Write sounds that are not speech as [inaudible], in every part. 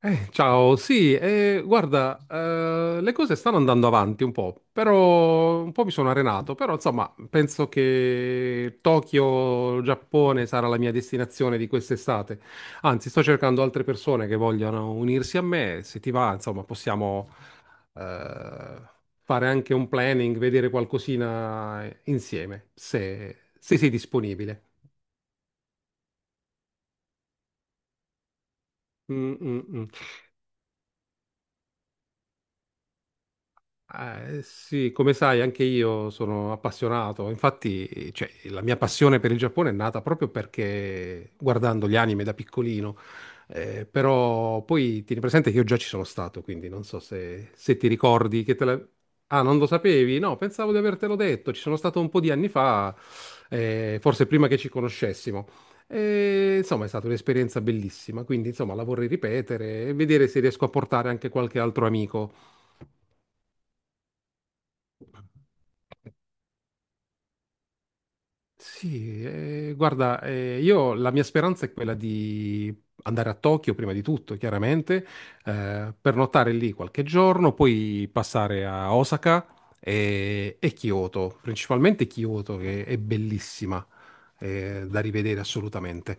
Ciao, sì, guarda, le cose stanno andando avanti un po', però un po' mi sono arenato, però insomma, penso che Tokyo, Giappone sarà la mia destinazione di quest'estate. Anzi, sto cercando altre persone che vogliono unirsi a me, se ti va, insomma, possiamo eh, fare anche un planning, vedere qualcosina insieme, se sei disponibile. Mm, mm, mm. Sì, come sai, anche io sono appassionato. Infatti, cioè, la mia passione per il Giappone è nata proprio perché guardando gli anime da piccolino. Però poi tieni presente che io già ci sono stato, quindi non so se ti ricordi che te la. Ah, non lo sapevi? No, pensavo di avertelo detto. Ci sono stato un po' di anni fa, forse prima che ci conoscessimo. E, insomma, è stata un'esperienza bellissima, quindi insomma la vorrei ripetere e vedere se riesco a portare anche qualche altro amico. Sì, guarda, io la mia speranza è quella di andare a Tokyo prima di tutto, chiaramente, pernottare lì qualche giorno, poi passare a Osaka e Kyoto, principalmente Kyoto che è bellissima, da rivedere assolutamente.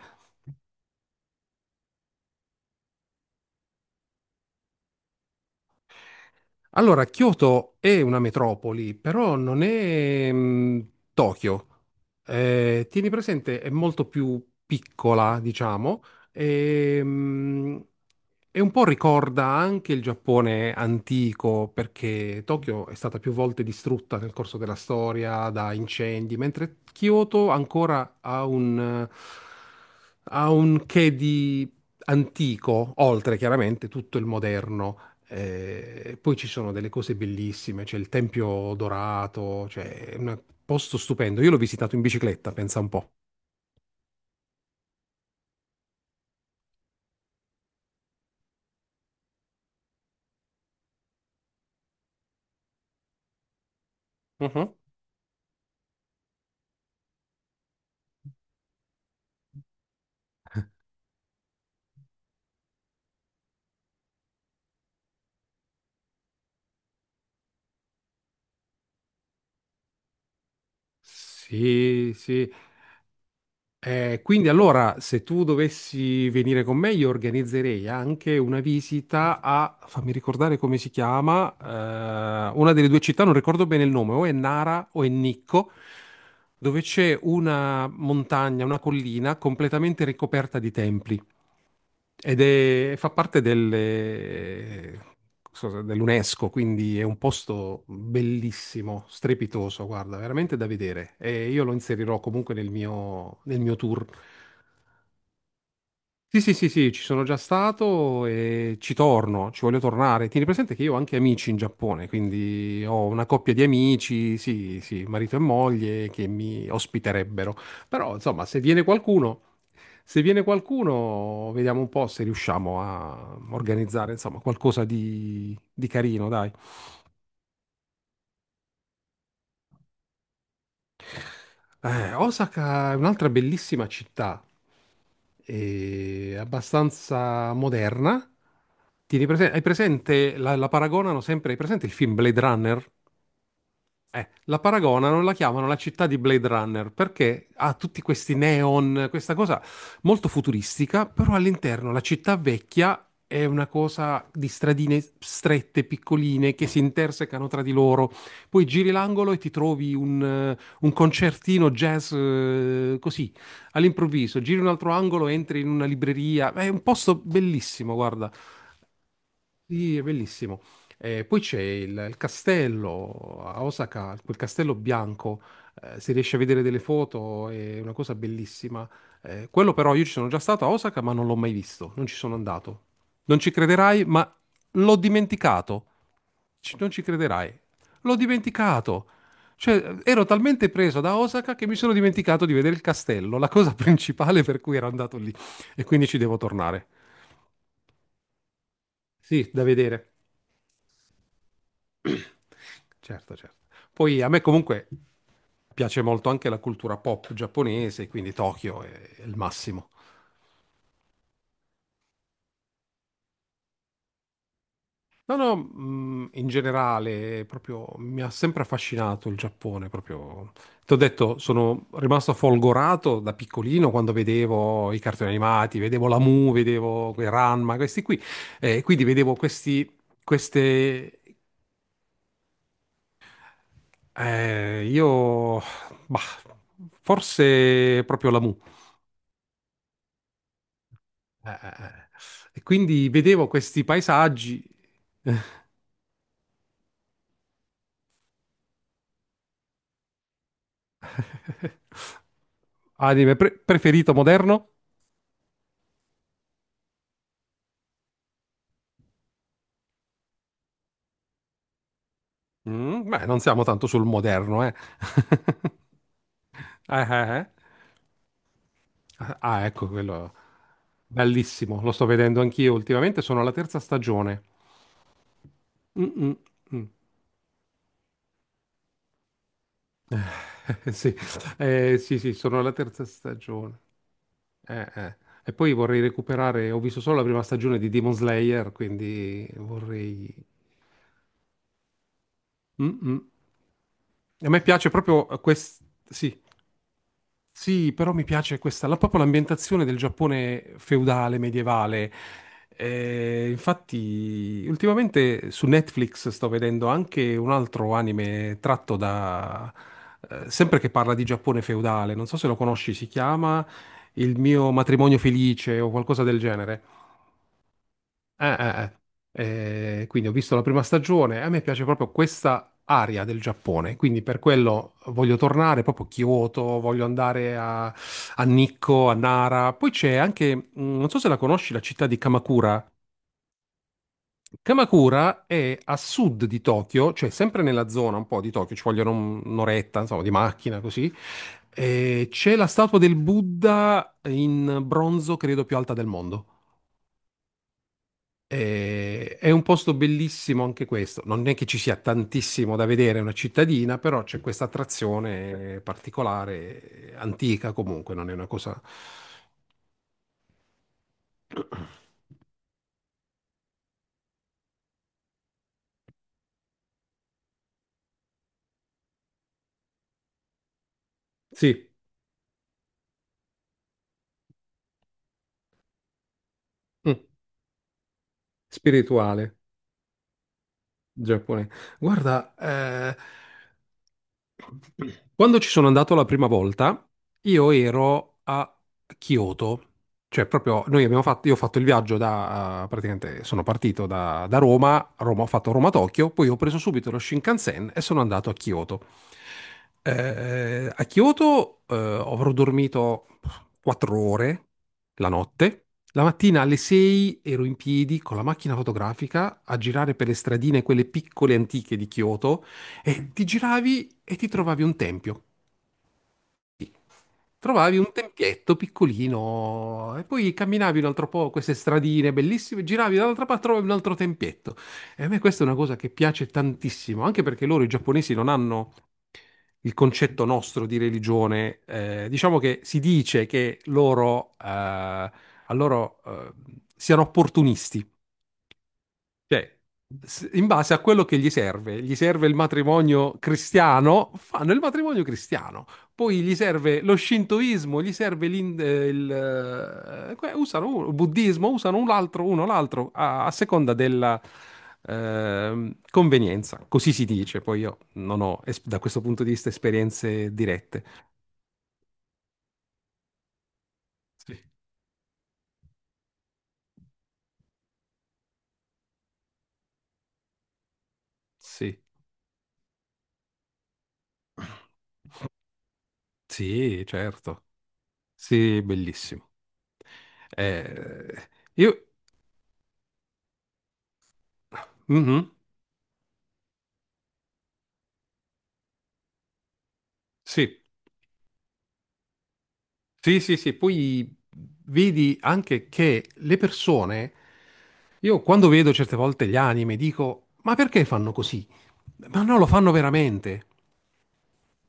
Allora, Kyoto è una metropoli, però non è Tokyo. Tieni presente, è molto più piccola, diciamo, e, mh, e un po' ricorda anche il Giappone antico, perché Tokyo è stata più volte distrutta nel corso della storia da incendi, mentre Kyoto ancora ha un che di antico, oltre chiaramente tutto il moderno. Poi ci sono delle cose bellissime, c'è il Tempio Dorato, cioè è un posto stupendo. Io l'ho visitato in bicicletta, pensa un po'. Mhm. Sì, sì. Quindi allora, se tu dovessi venire con me, io organizzerei anche una visita a, fammi ricordare come si chiama, una delle due città, non ricordo bene il nome, o è Nara o è Nicco, dove c'è una montagna, una collina completamente ricoperta di templi. Ed è, fa parte dell'UNESCO, quindi è un posto bellissimo, strepitoso, guarda, veramente da vedere. E io lo inserirò comunque nel mio tour. Sì, sì, sì, sì, ci sono già stato e ci torno, ci voglio tornare. Tieni presente che io ho anche amici in Giappone, quindi ho una coppia di amici, sì, sì, marito e moglie che mi ospiterebbero. Però, insomma, se viene qualcuno, vediamo un po' se riusciamo a organizzare, insomma, qualcosa di carino, dai. Osaka è un'altra bellissima città, è abbastanza moderna. Hai presente, la paragonano sempre, hai presente il film Blade Runner? La chiamano la città di Blade Runner perché ha tutti questi neon, questa cosa molto futuristica, però all'interno la città vecchia è una cosa di stradine strette, piccoline, che si intersecano tra di loro. Poi giri l'angolo e ti trovi un concertino jazz, così, all'improvviso. Giri un altro angolo, entri in una libreria. È un posto bellissimo, guarda. Sì, è bellissimo. Poi c'è il castello a Osaka, quel castello bianco, si riesce a vedere delle foto, è una cosa bellissima. Quello però io ci sono già stato a Osaka, ma non l'ho mai visto, non ci sono andato. Non ci crederai, ma l'ho dimenticato. Non ci crederai. L'ho dimenticato. Cioè, ero talmente preso da Osaka che mi sono dimenticato di vedere il castello, la cosa [laughs] principale per cui ero andato lì. E quindi ci devo tornare. Sì, da vedere. [coughs] Certo, certo. Poi a me comunque piace molto anche la cultura pop giapponese, quindi Tokyo è il massimo. No, no, in generale, proprio mi ha sempre affascinato il Giappone, proprio. Ti ho detto, sono rimasto folgorato da piccolino quando vedevo i cartoni animati, vedevo la Mu, vedevo quei Ranma, questi qui. E quindi vedevo queste, eh, io... bah, forse proprio la Mu. Eh. E quindi vedevo questi paesaggi. [laughs] Preferito moderno? Mm, beh, non siamo tanto sul moderno, eh. [laughs] Eh, eh, eh. Ah, ecco quello. Bellissimo, lo sto vedendo anch'io ultimamente, sono alla terza stagione. Mm, mm, mm. [laughs] Sì. Sì, sì, sono alla terza stagione. Eh, eh. E poi vorrei recuperare, ho visto solo la prima stagione di Demon Slayer, quindi vorrei. Mm-mm. A me piace proprio questa, sì, sì, però mi piace questa, proprio l'ambientazione del Giappone feudale, medievale. Infatti, ultimamente su Netflix sto vedendo anche un altro anime tratto da, sempre che parla di Giappone feudale, non so se lo conosci, si chiama Il mio matrimonio felice o qualcosa del genere. Eh, eh, quindi ho visto la prima stagione, e a me piace proprio questa area del Giappone, quindi per quello voglio tornare proprio a Kyoto, voglio andare a Nikko, a Nara. Poi c'è anche, non so se la conosci, la città di Kamakura. Kamakura è a sud di Tokyo, cioè sempre nella zona un po' di Tokyo, ci vogliono un'oretta, insomma, di macchina così. C'è la statua del Buddha in bronzo, credo più alta del mondo. È un posto bellissimo anche questo. Non è che ci sia tantissimo da vedere, è una cittadina, però c'è questa attrazione particolare, antica comunque, non è una cosa. Sì, mm, spirituale, giapponese. Guarda, quando ci sono andato la prima volta, io ero a Kyoto, cioè proprio noi abbiamo fatto, io ho fatto il viaggio praticamente sono partito da Roma, Roma, ho fatto Roma-Tokyo, poi ho preso subito lo Shinkansen e sono andato a Kyoto. A Kyoto avrò dormito 4 ore la notte. La mattina alle 6 ero in piedi con la macchina fotografica a girare per le stradine, quelle piccole antiche di Kyoto, e ti giravi e ti trovavi un tempio. Trovavi un tempietto piccolino e poi camminavi un altro po' queste stradine bellissime, giravi dall'altra parte, trovavi un altro tempietto. E a me questa è una cosa che piace tantissimo, anche perché loro, i giapponesi, non hanno il concetto nostro di religione. Diciamo che si dice che loro, a loro, siano opportunisti. Cioè, in base a quello che gli serve il matrimonio cristiano, fanno il matrimonio cristiano. Poi gli serve lo shintoismo, gli serve usano il buddismo, usano un altro, uno l'altro, a seconda della convenienza. Così si dice. Poi io non ho, da questo punto di vista, esperienze dirette. Sì. Sì, sì, certo. Sì, bellissimo. Eh, io... Mhm, sì. Sì, sì, sì, poi vedi anche che le persone, io quando vedo certe volte gli anime dico, ma perché fanno così? Ma no, lo fanno veramente.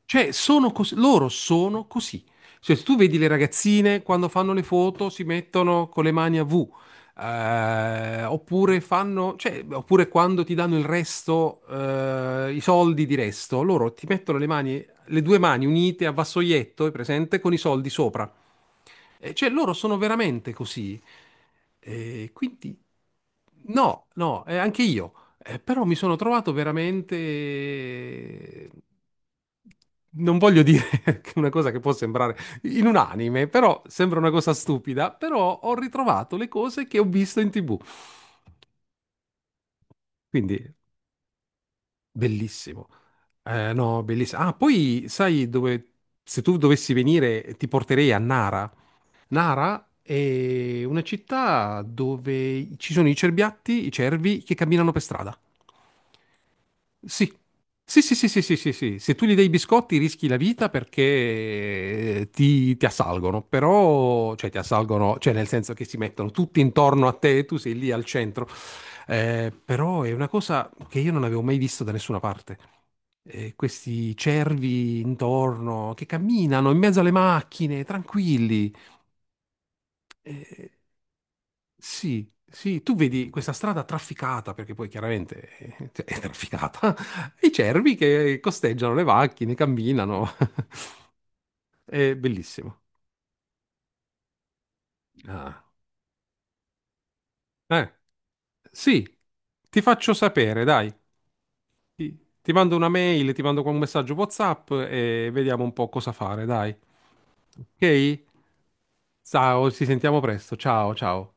Cioè, sono loro sono così. Cioè, se tu vedi le ragazzine quando fanno le foto si mettono con le mani a V, oppure fanno, cioè, oppure quando ti danno il resto, i soldi di resto, loro ti mettono le mani, le due mani unite a vassoietto, è presente, con i soldi sopra. Cioè, loro sono veramente così. Quindi, no, no, anche io. Però mi sono trovato veramente. Non voglio dire [laughs] che una cosa che può sembrare in un anime, però sembra una cosa stupida, però ho ritrovato le cose che ho visto in TV. Quindi, bellissimo. No, bellissimo. Ah, poi sai dove. Se tu dovessi venire, ti porterei a Nara. Nara è una città dove ci sono i cerbiatti, i cervi che camminano per strada. Sì. Sì, sì, sì, sì, sì, sì, sì. Se tu gli dai i biscotti rischi la vita perché ti assalgono, però, cioè ti assalgono, cioè nel senso che si mettono tutti intorno a te, tu sei lì al centro. Però è una cosa che io non avevo mai visto da nessuna parte. Questi cervi intorno che camminano in mezzo alle macchine, tranquilli. Eh, sì, sì, tu vedi questa strada trafficata, perché poi chiaramente cioè, è trafficata, [laughs] i cervi che costeggiano le macchine, camminano. [laughs] È bellissimo. Ah. Eh, sì, ti faccio sapere, dai. Ti mando una mail, ti mando un messaggio WhatsApp e vediamo un po' cosa fare, dai. Ok? Ciao, ci sentiamo presto. Ciao, ciao.